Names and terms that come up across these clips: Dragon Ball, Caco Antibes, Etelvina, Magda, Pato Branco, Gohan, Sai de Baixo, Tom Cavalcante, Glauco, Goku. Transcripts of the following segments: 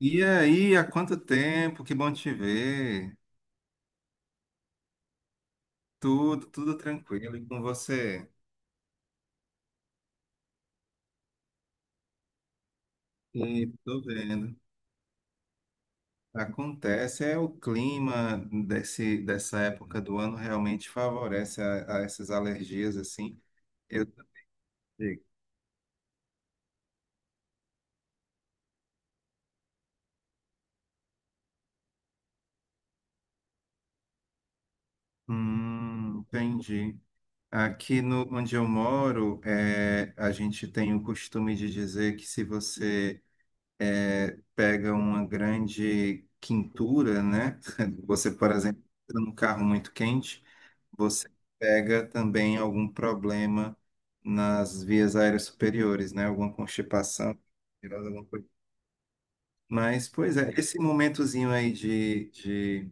E aí, há quanto tempo? Que bom te ver. Tudo, tranquilo e com você? E tô vendo. Acontece, é o clima dessa época do ano realmente favorece a essas alergias assim. Eu entendi. Aqui no, Onde eu moro, a gente tem o costume de dizer que se você pega uma grande quintura, né? Você, por exemplo, entra num carro muito quente, você pega também algum problema nas vias aéreas superiores, né? Alguma constipação, alguma coisa. Mas, pois é, esse momentozinho aí de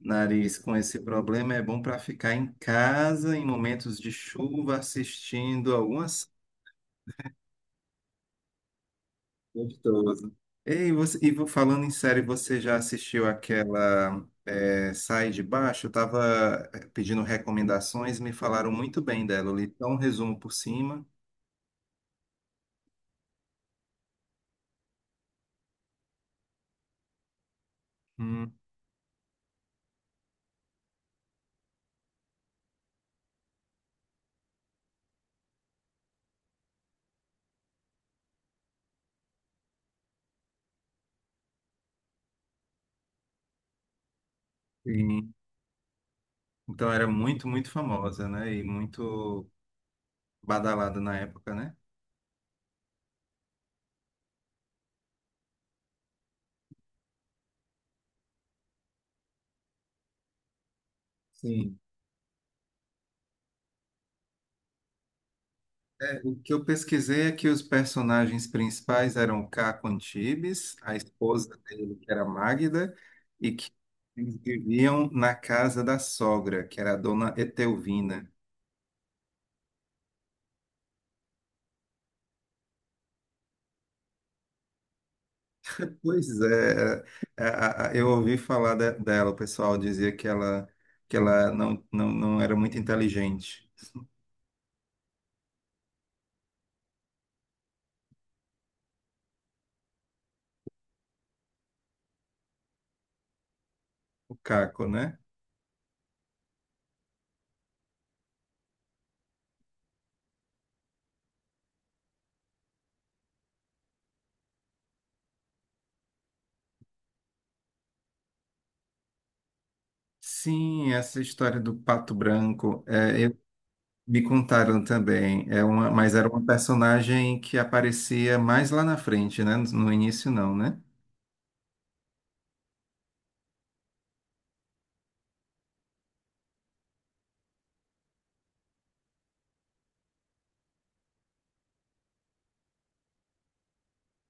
nariz com esse problema é bom para ficar em casa em momentos de chuva assistindo algumas. Gostoso. Ei, você, falando em série, você já assistiu aquela Sai de Baixo? Eu estava pedindo recomendações, me falaram muito bem dela. Eu li só um resumo por cima. Hum, sim. Então era muito, famosa, né? E muito badalada na época, né? Sim. É, o que eu pesquisei é que os personagens principais eram o Caco Antibes, a esposa dele, que era Magda, e que eles viviam na casa da sogra, que era a dona Etelvina. Pois é, é, é, a- eu ouvi falar dela, o pessoal dizia que ela não era muito inteligente, o Caco, né? Sim, essa história do Pato Branco. Me contaram também, é uma, mas era uma personagem que aparecia mais lá na frente, né? No início não, né?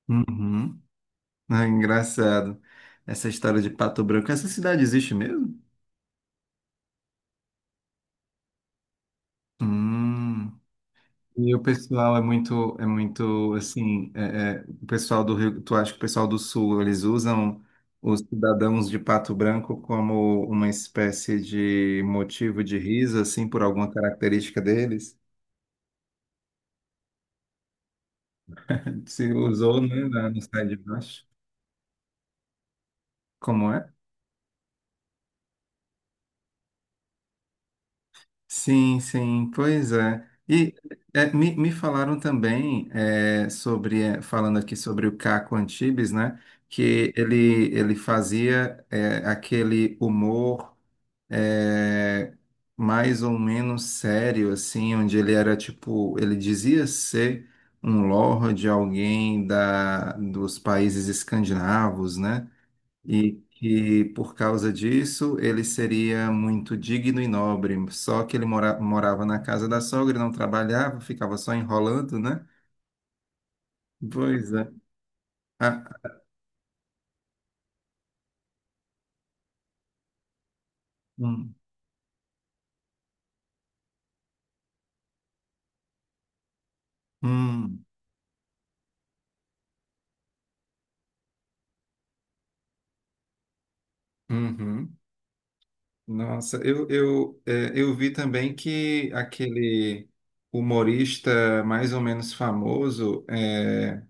Uhum. Ah, engraçado. Essa história de Pato Branco. Essa cidade existe mesmo? Hum. E o pessoal é é muito assim, o pessoal do Rio, tu acha que o pessoal do Sul, eles usam os cidadãos de Pato Branco como uma espécie de motivo de riso, assim, por alguma característica deles? Se usou, né, no Sai de Baixo. Como é? Sim, sim, pois é. E me falaram também sobre, é, falando aqui sobre o Caco Antibes, né? Que ele fazia aquele humor é, mais ou menos sério, assim, onde ele era tipo, ele dizia ser um lord, alguém dos países escandinavos, né? E que por causa disso ele seria muito digno e nobre. Só que ele morava na casa da sogra, não trabalhava, ficava só enrolando, né? Pois é. Ah, hum, hum, uhum. Nossa, eu vi também que aquele humorista mais ou menos famoso, é,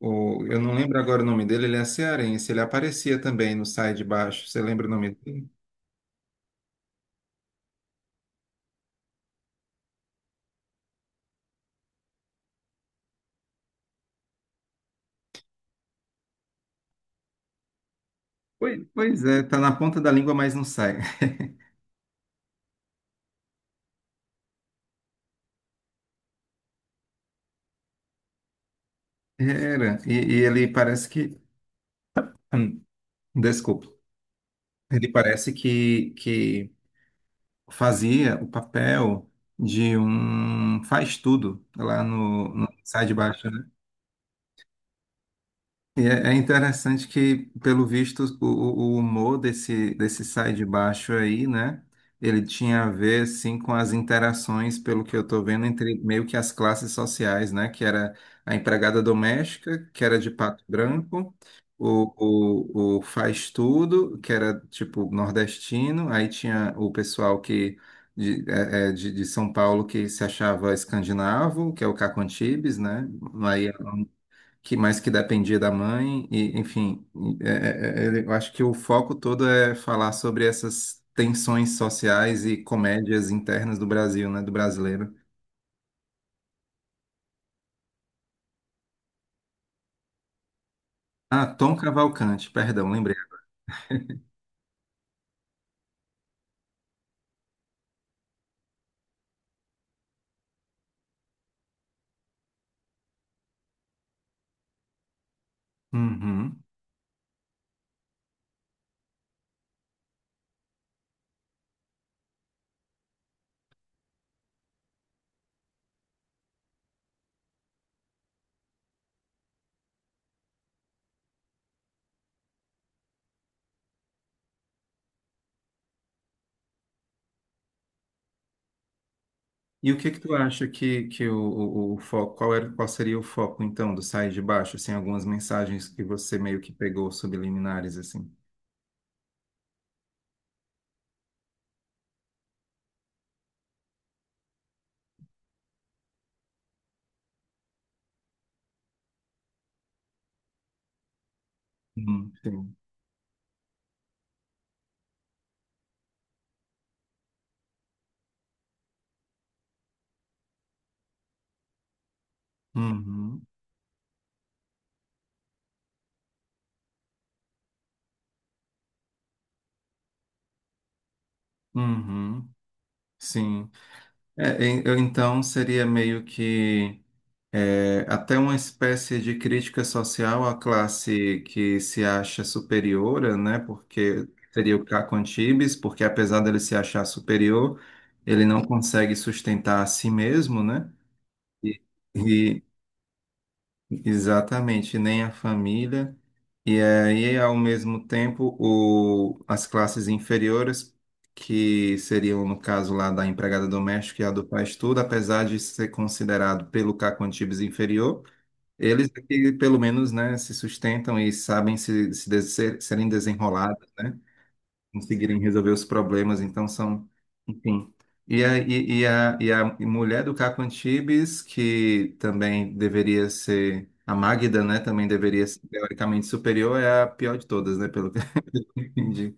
o, eu não lembro agora o nome dele, ele é cearense, ele aparecia também no Sai de Baixo. Você lembra o nome dele? Pois é, tá na ponta da língua, mas não sai. Era. E ele parece que. Hum, desculpa. Ele parece que fazia o papel de um faz-tudo lá no Sai de Baixo. E é é interessante que, pelo visto, o humor desse Sai de Baixo aí, né? Ele tinha a ver, assim, com as interações, pelo que eu tô vendo, entre meio que as classes sociais, né? Que era a empregada doméstica, que era de Pato Branco, o faz tudo, que era, tipo, nordestino, aí tinha o pessoal que de, é, é, de São Paulo que se achava escandinavo, que é o Caco Antibes, né? Aí que mais que dependia da mãe, e, enfim, eu acho que o foco todo é falar sobre essas tensões sociais e comédias internas do Brasil, né, do brasileiro. Ah, Tom Cavalcante, perdão, lembrei. Uhum. E o que que tu acha o foco, qual era, qual seria o foco então do Sair de Baixo, assim, algumas mensagens que você meio que pegou subliminares, assim? Sim. Uhum, uhum, sim. Então seria meio que é, até uma espécie de crítica social à classe que se acha superior, né? Porque seria o Caco Antibes, porque apesar dele se achar superior, ele não consegue sustentar a si mesmo, né? E, e- exatamente, nem a família. E aí, ao mesmo tempo, as classes inferiores, que seriam, no caso lá da empregada doméstica e a do faz-tudo, apesar de ser considerado pelo Caco Antibes inferior, eles aqui pelo menos, né, se sustentam e sabem se, se de- ser- serem desenrolados, né, conseguirem resolver os problemas, então são, enfim. E a mulher do Caco Antibes, que também deveria ser, a Magda, né, também deveria ser teoricamente superior, é a pior de todas, né, pelo que eu entendi.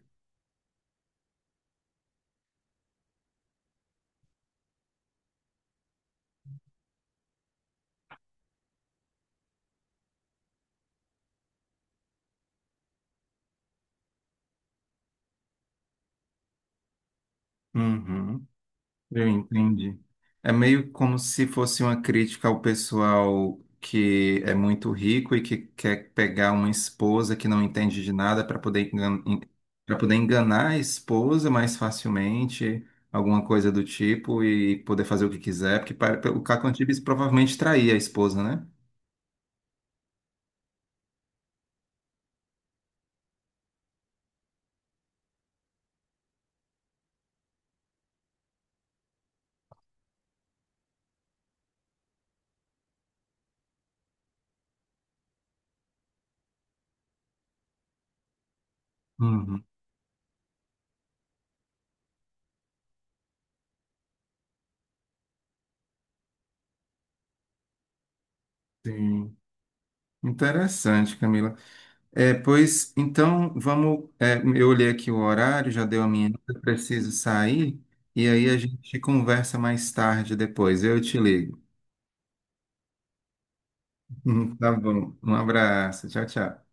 Uhum. Eu entendi. É meio como se fosse uma crítica ao pessoal que é muito rico e que quer pegar uma esposa que não entende de nada para poder engan... para poder enganar a esposa mais facilmente, alguma coisa do tipo, e poder fazer o que quiser, porque para... o Caco Antibes provavelmente traía a esposa, né? Uhum. Sim. Interessante, Camila. É, pois então vamos. É, eu olhei aqui o horário, já deu a minha, eu preciso sair, e aí a gente conversa mais tarde depois. Eu te ligo. Tá bom. Um abraço. Tchau, tchau.